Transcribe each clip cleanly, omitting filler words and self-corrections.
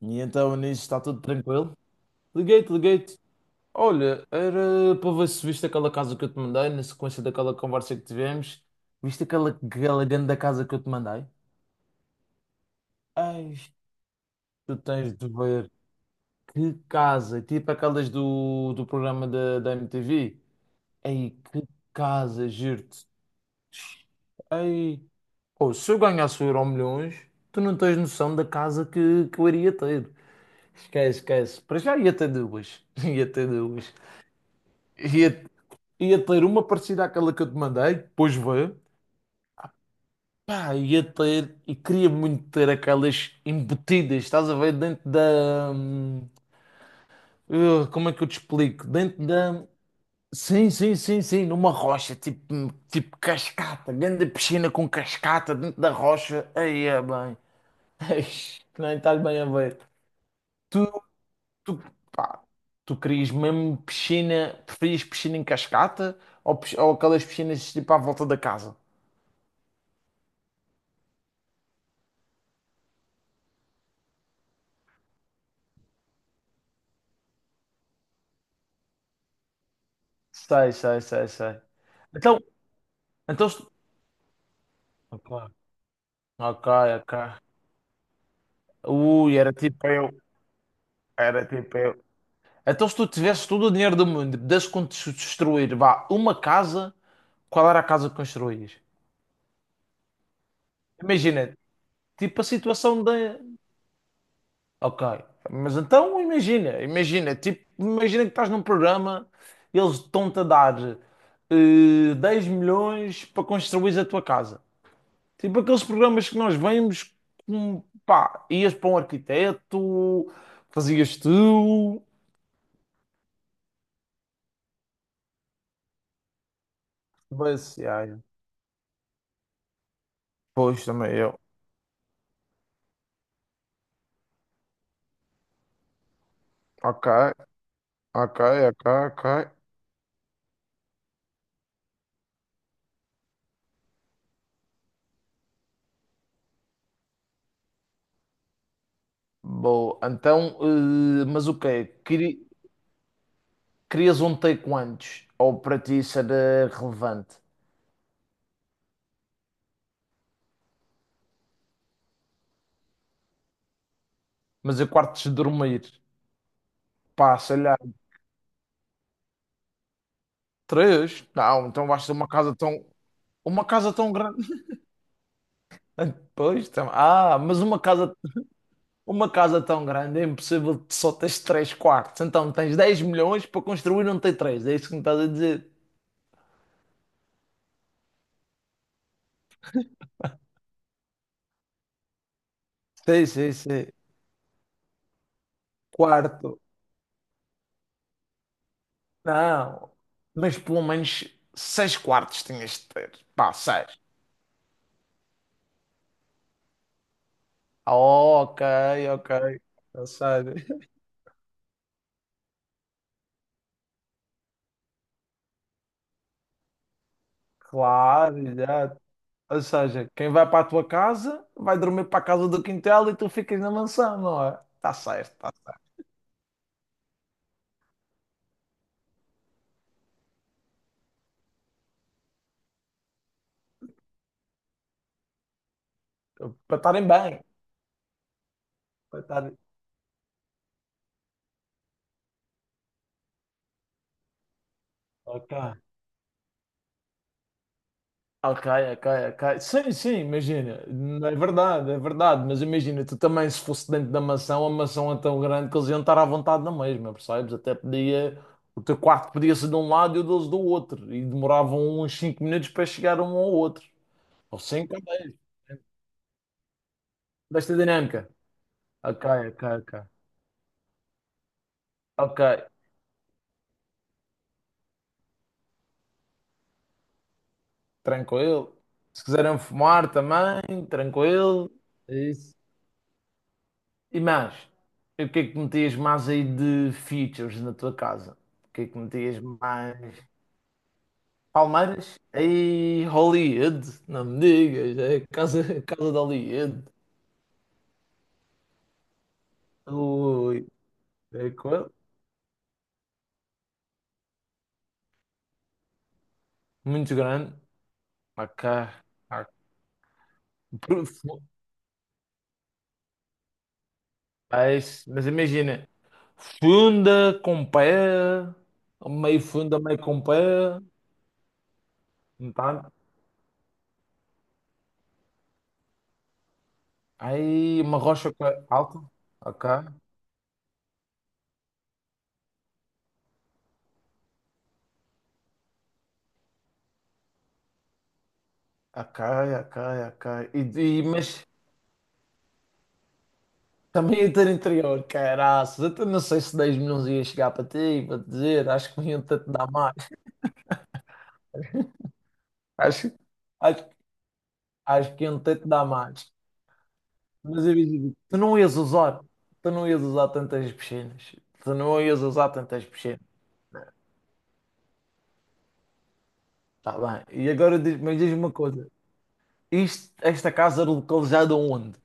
E então nisso está tudo tranquilo. Liguei-te, liguei-te. Olha, era para ver se viste aquela casa que eu te mandei, na sequência daquela conversa que tivemos. Viste aquela grande casa que eu te mandei? Ai, tu tens de ver. Que casa! Tipo aquelas do programa da MTV. Ei, que casa, juro-te. Ei, oh, se eu ganhasse o Euro Milhões, tu não tens noção da casa que eu iria ter. Esquece, esquece. Para já ia ter duas. Ia ter duas. ia ia ter uma parecida àquela que eu te mandei, depois vê. Pá, ia ter, e queria muito ter aquelas embutidas, estás a ver, dentro da. Como é que eu te explico? Dentro da. Sim, sim, sim, sim, numa rocha, tipo, tipo cascata, grande piscina com cascata dentro da rocha. Aí é bem. Eish, nem estás bem a ver. Tu, tu, pá, tu querias mesmo piscina, preferias piscina em cascata ou, ou aquelas piscinas tipo à volta da casa? Sei, sei, sei, sei. Então, então... estu- ok, ok, ok. Ui, era tipo eu. Era tipo eu. Então se tu tivesse todo o dinheiro do mundo, pudesse construir, vá, uma casa, qual era a casa que construías? Imagina, tipo a situação da... Ok. Mas então imagina, imagina, tipo, imagina que estás num programa, eles estão-te a dar 10 milhões para construir a tua casa. Tipo aqueles programas que nós vemos, com, pá, ias para um arquiteto, fazias tu, mas, yeah, yeah. Pois também eu. Ok, ok, ok, ok. Boa. Então, mas o quê? Querias um take antes? Ou para ti isso era relevante? Mas eu quartos de dormir? Pá, sei lá. Três? Não, então vais ter uma casa tão. Uma casa tão grande. Pois, mas uma casa. Uma casa tão grande é impossível de só teres 3 quartos. Então tens 10 milhões para construir um t três. É isso que me estás a dizer. Sim, sim, sim. Quarto. Não. Mas pelo menos 6 quartos tinhas de ter. Pá, seis. Ah, ok, ok. Ou seja, claro, exato. Ou seja, quem vai para a tua casa vai dormir para a casa do quintal e tu ficas na mansão, não é? Está certo, está certo. Para estarem bem. Para estarem... Ok. Ok, ok, ok. Sim, sim, imagina. Não. É verdade, é verdade. Mas imagina, tu também, se fosse dentro da mansão, a mansão é tão grande que eles iam estar à vontade na mesma, percebes? Até podia. O teu quarto podia ser de um lado e o deles do outro. E demoravam uns 5 minutos para chegar um ao outro. Ou 5 ou 10. Desta dinâmica. Ok, ok, ok. Ok, tranquilo. Se quiserem fumar também, tranquilo. É isso. E mais, e o que é que metias mais aí de features na tua casa? O que é que metias mais? Palmeiras? Aí, Hollywood, não me digas, é a casa de Hollywood. Ui, é coisa muito grande. Ok, ok. Profundo. É isso. Mas imagina, funda com pé, meio funda, meio com pé, não tá? Aí uma rocha alta, ok. A cai, a E, mas também ia ter interior, caraças. Eu até não sei se 10 milhões ia chegar para ti, para te dizer. Acho que iam ter-te dar mais. Acho, acho, acho que iam ter-te dar mais. Mas eu digo, tu não ias usar, tu não ias usar tantas piscinas. Tu não ias usar tantas piscinas. Tá bem. E agora diz, mas diz-me uma coisa. Isto, esta casa era localizada onde?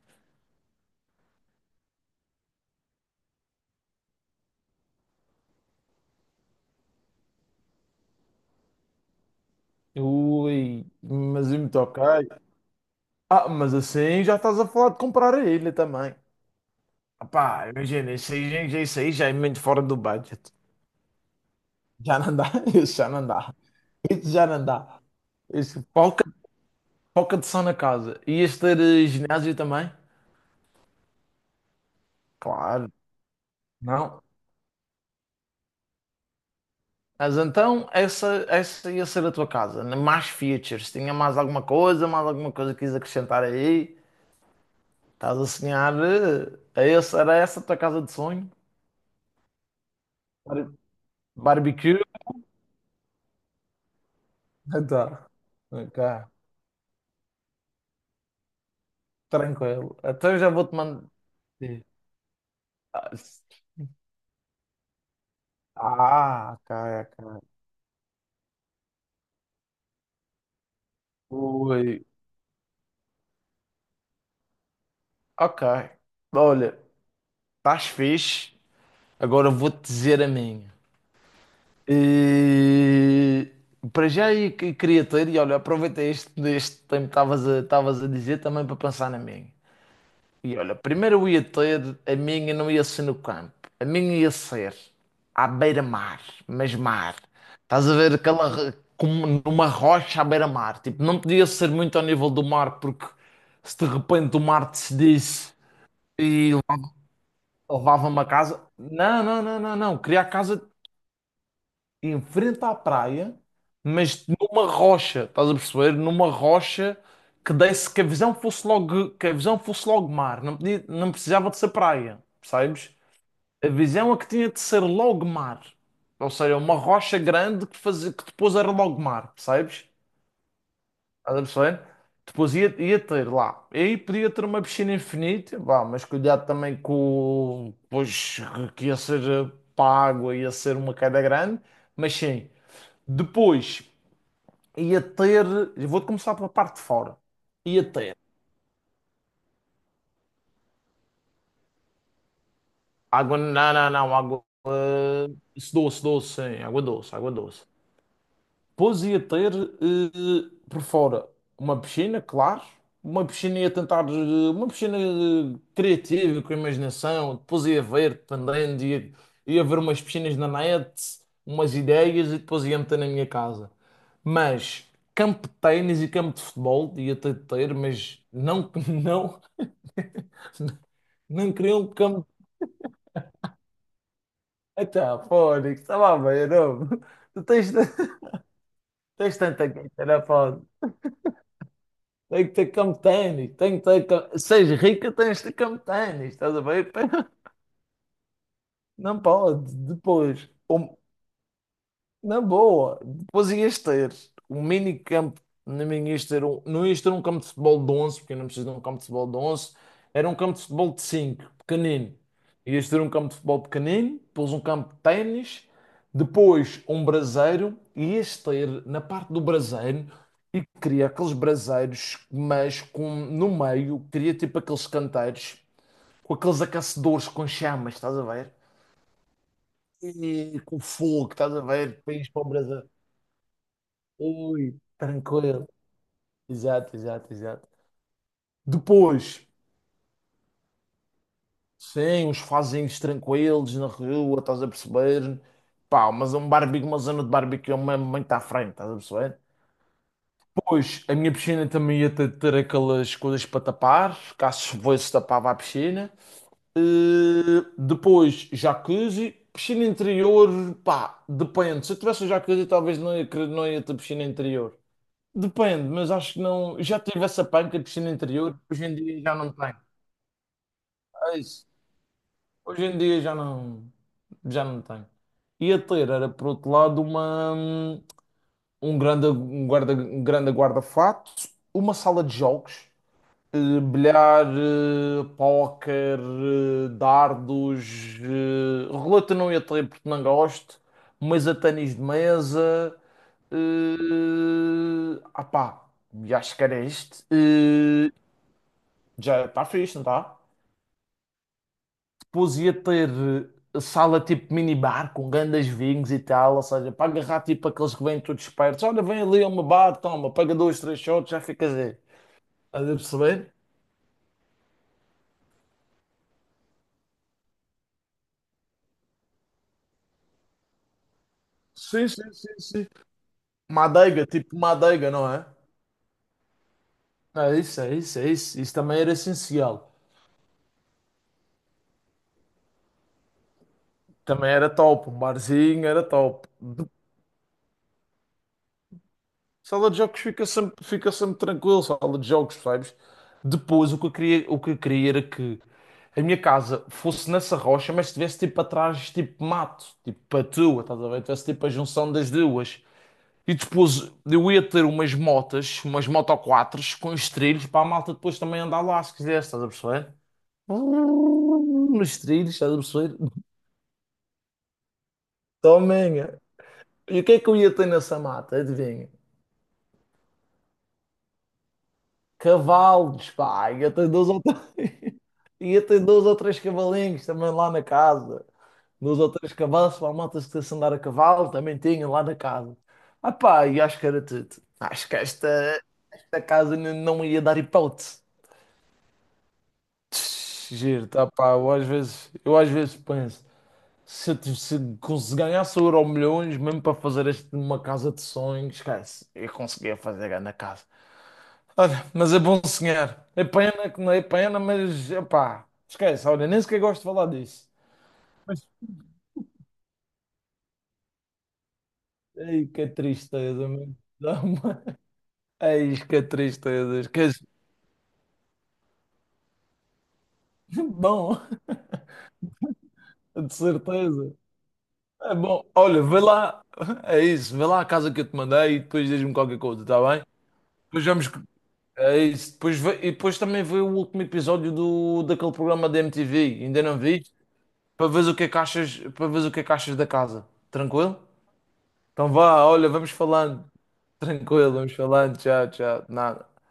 Ui, mas eu me toquei. Ah, mas assim já estás a falar de comprar a ilha também. Pá, imagina, isso aí já é muito fora do budget. Já não dá, isso já não dá. Isso já não dá. Isso, pouca de som na casa. Ias ter ginásio também? Claro, não. Mas então, essa ia ser a tua casa. Né? Mais features. Tinha mais alguma coisa que quis acrescentar aí? Estás a sonhar? Era essa a tua casa de sonho? Bar- Barbecue? Então, ok, tranquilo. Então eu já vou-te mandar. Ah, cara, cara. Oi. Ok. Olha, estás fixe. Agora eu vou-te dizer a minha. E... Para já eu queria ter, e olha, aproveitei este, este tempo que estavas a, estavas a dizer também para pensar na minha. E olha, primeiro eu ia ter, a minha não ia ser no campo, a minha ia ser à beira-mar, mas mar. Estás a ver aquela, como numa rocha à beira-mar. Tipo, não podia ser muito ao nível do mar, porque se de repente o mar decidisse e levava-me a casa. Não, não, não, não, não. Queria a casa em frente à praia, mas numa rocha, estás a perceber? Numa rocha que desse que a visão fosse logo, que a visão fosse logo mar, não precisava de ser praia, percebes? A visão é que tinha de ser logo mar. Ou seja, uma rocha grande que, fazia, que depois era logo mar, percebes? Estás a perceber? Depois ia ter lá. E aí podia ter uma piscina infinita, vá, mas cuidado também com. Pois que ia ser para a água, ia ser uma queda grande, mas sim. Depois ia ter. Vou começar pela parte de fora. Ia ter. Água. Não, não, não. Água. Doce, doce, sim. Água doce, água doce. Pois ia ter por fora uma piscina, claro. Uma piscina ia tentar, uma piscina criativa, com imaginação. Depois ia ver, dependendo, ia ver umas piscinas na net, umas ideias e depois ia meter na minha casa. Mas campo de ténis e campo de futebol ia ter, de ter, mas não, não, não queria um campo. Até, Fónix, estava a ver, homem. Tu tens, tens tanta guita, não é, pá? Tem que ter campo de ténis, tem que ter. Seis rica, tens de ter campo de ténis, estás a ver? Pá, não pode, depois. Na boa, depois ias ter um mini campo, não ias ter um, não ias ter um campo de futebol de 11 porque eu não preciso de um campo de futebol de onze, era um campo de futebol de 5, pequenino. Ias ter um campo de futebol pequenino, depois um campo de ténis, depois um braseiro, e ias ter na parte do braseiro, e queria aqueles braseiros, mas com, no meio, queria tipo aqueles canteiros, com aqueles aquecedores com chamas, estás a ver? E com fogo, estás a ver? País para o Brasil. Ui, tranquilo. Exato, exato, exato. Depois, sim, os fazinhos tranquilos na rua, estás a perceber? Pá, mas é um barbecue, uma zona de barbecue mesmo muito à frente, estás a perceber? Depois, a minha piscina também ia ter, ter aquelas coisas para tapar, caso fosse tapava a piscina. Depois, jacuzzi, piscina interior, pá, depende. Se eu tivesse um jacuzzi, talvez não ia, não ia ter piscina interior. Depende, mas acho que não. Já tive essa panca de piscina interior, hoje em dia já não tenho. É isso. Hoje em dia já não. Já não tenho. Ia ter, era por outro lado, uma, um grande, um guarda, um grande guarda-fato, uma sala de jogos. Bilhar, póquer, dardos, roleta não ia ter porque não gosto, mas a ténis de mesa, ah pá, e acho que era este. Já está fixe, não está? Depois ia ter sala tipo minibar com grandes vinhos e tal, ou seja, para agarrar tipo aqueles que vêm todos espertos, olha, vem ali a uma bar, toma, paga dois, três shots, já ficas aí. Estás a perceber? Sim, sim, sim, sim. Manteiga, tipo manteiga, não é? É isso, é isso, é isso. Isso também era essencial. Também era top. Um barzinho era top. De- Sala de jogos fica sempre tranquilo, sala de jogos, sabes? Depois o que eu queria, o que eu queria era que a minha casa fosse nessa rocha, mas tivesse tipo atrás, tipo mato, tipo a tua, estás a ver? Tivesse tipo a junção das duas. E depois eu ia ter umas motas, umas moto com os trilhos para a malta depois também andar lá, se quisesse, estás a perceber? Nos trilhos, estás a perceber? Tomem! E o que é que eu ia ter nessa mata? Adivinha? Cavalos, pá! Ia ter dois ou três, ia ter dois ou três cavalinhos também lá na casa. Dois ou três cavalos para a malta se quisesse andar a cavalo, também tinha lá na casa. Ah pá, e acho que era tudo. Acho que esta casa não ia dar hipótese. Tch, giro, tá pá, eu às vezes penso. Se, eu tive- se cons- ganhasse o Euro milhões, mesmo para fazer este, uma casa de sonhos, esquece, eu conseguia fazer a na casa. Olha, mas é bom sonhar. É pena que não é pena, mas epá, esquece, olha, nem sequer gosto de falar disso. Ei, que tristeza, meu. Dá-me- Ei, que tristeza. Esquece. Bom, de certeza. É bom. Olha, vê lá. É isso, vê lá a casa que eu te mandei e depois diz-me qualquer coisa, tá bem? Depois vamos, é isso. Depois, e depois também vê o último episódio daquele programa da MTV. Ainda não vi. Para ver o que é que achas, para ver o que é que achas da casa. Tranquilo? Então vá, olha, vamos falando. Tranquilo, vamos falando. Tchau, tchau. Nada.